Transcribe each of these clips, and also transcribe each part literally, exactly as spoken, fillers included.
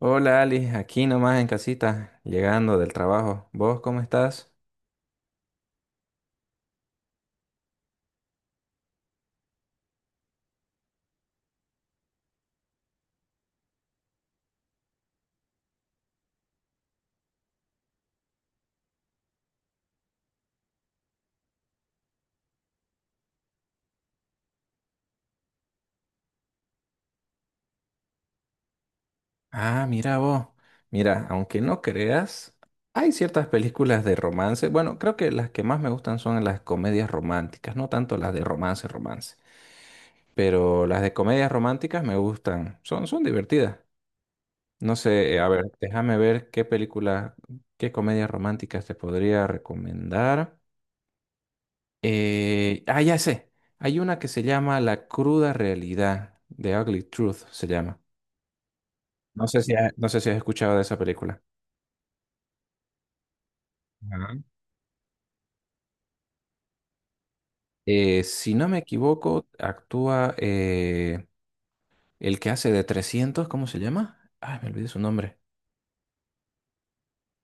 Hola Ali, aquí nomás en casita, llegando del trabajo. ¿Vos cómo estás? Ah, mira vos. Mira, aunque no creas, hay ciertas películas de romance. Bueno, creo que las que más me gustan son las comedias románticas, no tanto las de romance, romance. Pero las de comedias románticas me gustan, son, son divertidas. No sé, eh, a ver, déjame ver qué película, qué comedias románticas te podría recomendar. Eh, ah, ya sé. Hay una que se llama La cruda realidad, The Ugly Truth se llama. No sé si ha- no sé si has escuchado de esa película. Ajá. Eh, si no me equivoco, actúa eh, el que hace de trescientos, ¿cómo se llama? Ay, me olvidé su nombre.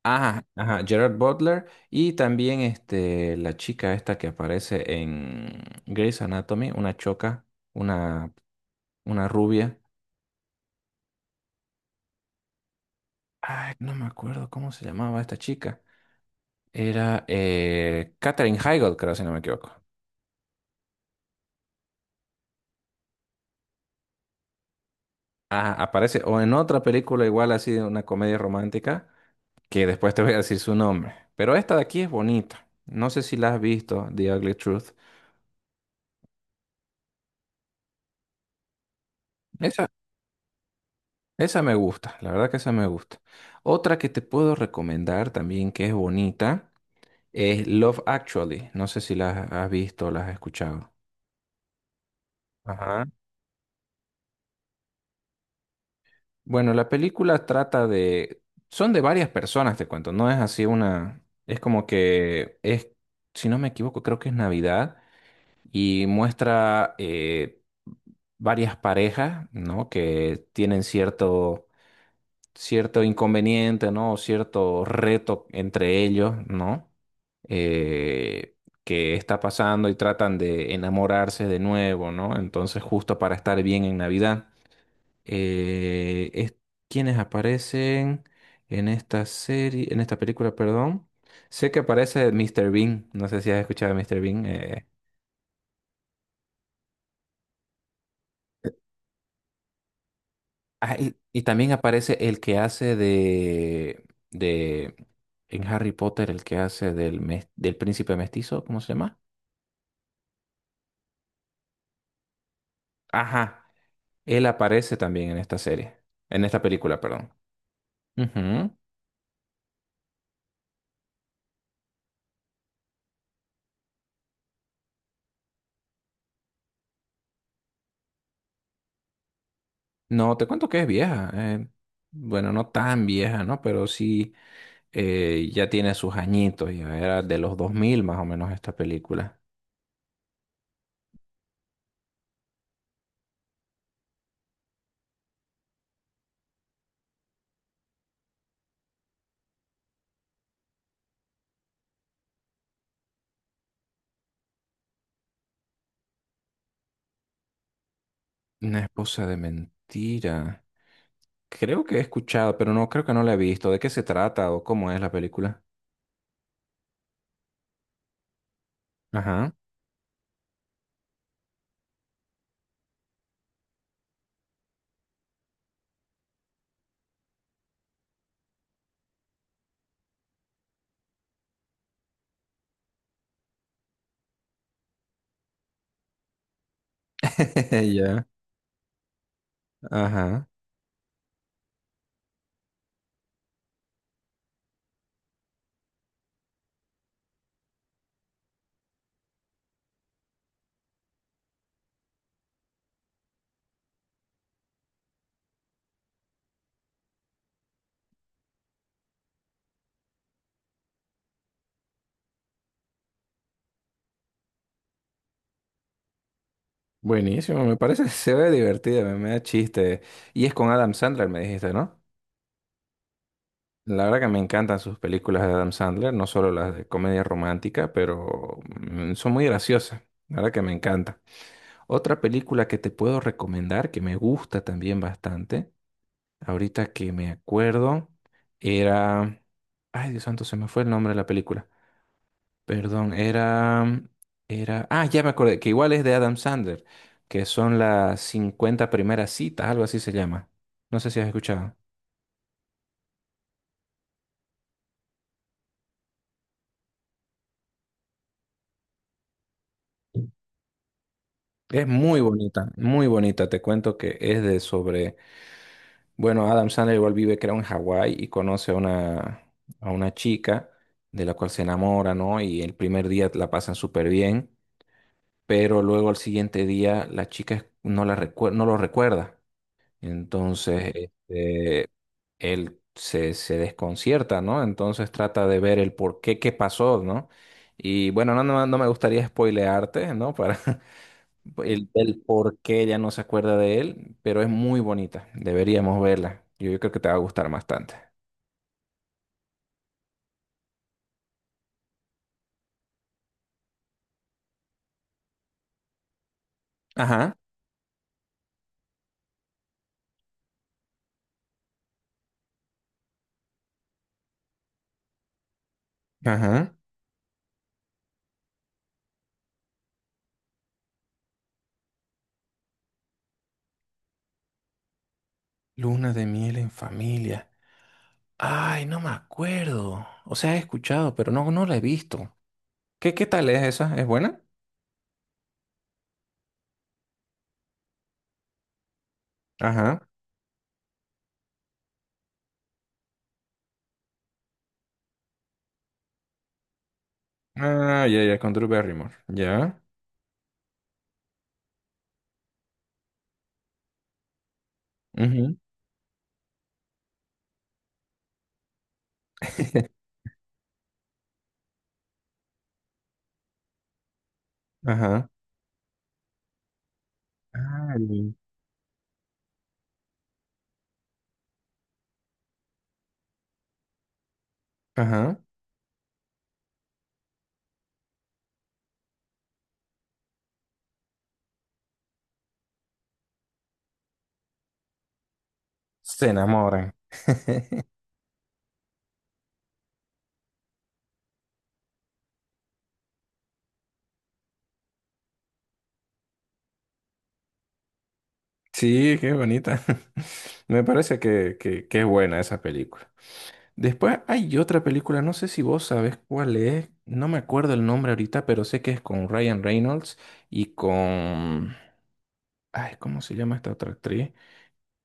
Ajá, ajá, Gerard Butler y también este, la chica esta que aparece en Grey's Anatomy, una choca, una, una rubia. Ay, no me acuerdo cómo se llamaba esta chica. Era eh, Katherine Heigl, creo, si no me equivoco. Ah, aparece o en otra película igual así de una comedia romántica, que después te voy a decir su nombre. Pero esta de aquí es bonita. No sé si la has visto, The Ugly Truth. Esa, esa me gusta, la verdad que esa me gusta. Otra que te puedo recomendar también que es bonita es Love Actually. No sé si la has visto o la has escuchado. Ajá. Bueno, la película trata de. Son de varias personas, te cuento, no es así una. Es como que es, si no me equivoco, creo que es Navidad y muestra eh, varias parejas, ¿no? Que tienen cierto, cierto inconveniente, ¿no? O cierto reto entre ellos, ¿no? Eh, que está pasando y tratan de enamorarse de nuevo, ¿no? Entonces, justo para estar bien en Navidad eh, es quienes aparecen en esta serie, en esta película, perdón. Sé que aparece mister Bean, no sé si has escuchado a mister Bean. eh. Ah, y, y también aparece el que hace de, de, en Harry Potter, el que hace del, mes- del príncipe mestizo, ¿cómo se llama? Ajá, él aparece también en esta serie, en esta película, perdón. Ujú. No, te cuento que es vieja. Eh, bueno, no tan vieja, ¿no? Pero sí. Eh, ya tiene sus añitos, ya era de los dos mil más o menos esta película. Una esposa de mentira. Creo que he escuchado, pero no creo que no la he visto. ¿De qué se trata o cómo es la película? Ajá. Ya. Ajá. Buenísimo, me parece, se ve divertida, me, me da chiste. Y es con Adam Sandler, me dijiste, ¿no? La verdad que me encantan sus películas de Adam Sandler, no solo las de comedia romántica, pero mm, son muy graciosas. La verdad que me encanta. Otra película que te puedo recomendar, que me gusta también bastante, ahorita que me acuerdo, era. Ay, Dios santo, se me fue el nombre de la película. Perdón, era. Era. Ah, ya me acordé, que igual es de Adam Sandler, que son las cincuenta primeras citas, algo así se llama. No sé si has escuchado. Es muy bonita, muy bonita. Te cuento que es de sobre. Bueno, Adam Sandler igual vive, creo, en Hawái y conoce a una, a una, chica de la cual se enamora, ¿no? Y el primer día la pasan súper bien, pero luego al siguiente día la chica no, la recue- no lo recuerda. Entonces, este, él se, se desconcierta, ¿no? Entonces trata de ver el por qué, qué pasó, ¿no? Y bueno, no, no, no me gustaría spoilearte, ¿no? Para, El, el por qué ya no se acuerda de él, pero es muy bonita. Deberíamos verla. Yo, yo creo que te va a gustar bastante. Ajá, ajá. Luna de miel en familia. Ay, no me acuerdo. O sea, he escuchado, pero no, no la he visto. ¿Qué, qué tal es esa? ¿Es buena? Ajá. Ah, ya, ya, con Drew Barrymore. Ya. Ujú. Ajá. Ay. Ajá. Se enamoran. Sí, qué bonita. Me parece que, que, que es buena esa película. Después hay otra película, no sé si vos sabés cuál es, no me acuerdo el nombre ahorita, pero sé que es con Ryan Reynolds y con. Ay, ¿cómo se llama esta otra actriz?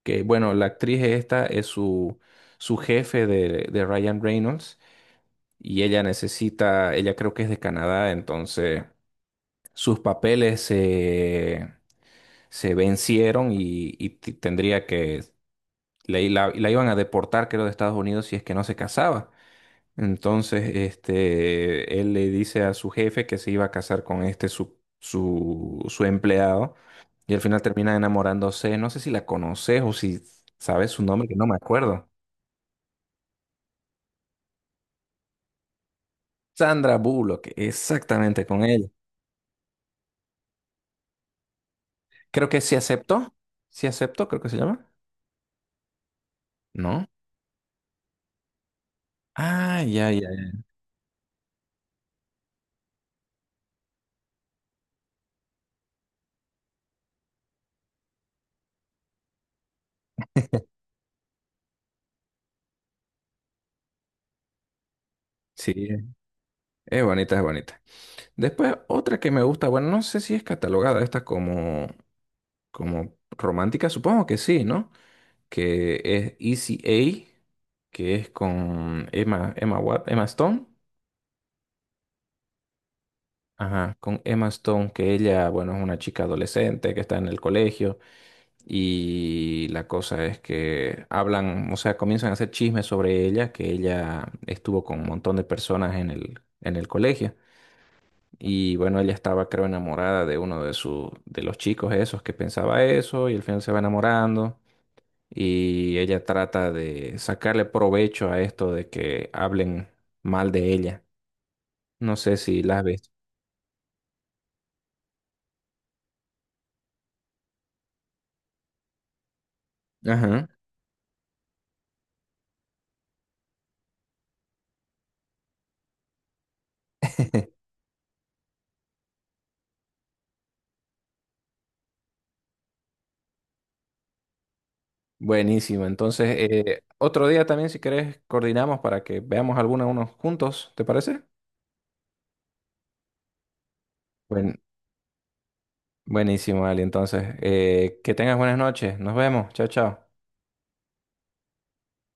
Que bueno, la actriz esta es su, su jefe de, de Ryan Reynolds y ella necesita, ella creo que es de Canadá, entonces sus papeles se, se vencieron y, y t- tendría que, la, la la iban a deportar creo de Estados Unidos si es que no se casaba. Entonces, este, él le dice a su jefe que se iba a casar con este su, su, su empleado y al final termina enamorándose. No sé si la conoces o si sabes su nombre, que no me acuerdo. Sandra Bullock, exactamente con él. Creo que sí aceptó. Sí aceptó, creo que se llama. ¿No? Ah, ya, ya, ya. Sí, es bonita, es bonita. Después, otra que me gusta, bueno, no sé si es catalogada esta como, como, romántica, supongo que sí, ¿no? Que es Easy A, que es con Emma, Emma Wat- Emma Stone. Ajá, con Emma Stone, que ella, bueno, es una chica adolescente que está en el colegio y la cosa es que hablan, o sea, comienzan a hacer chismes sobre ella, que ella estuvo con un montón de personas en el, en el, colegio y bueno, ella estaba, creo, enamorada de uno de su, de los chicos esos que pensaba eso y al final se va enamorando y ella trata de sacarle provecho a esto de que hablen mal de ella. No sé si la has visto. Ajá. Buenísimo. Entonces, eh, otro día también, si querés, coordinamos para que veamos alguna unos juntos, ¿te parece? Buen- Buenísimo, Ali. Entonces, eh, que tengas buenas noches. Nos vemos. Chao, chao.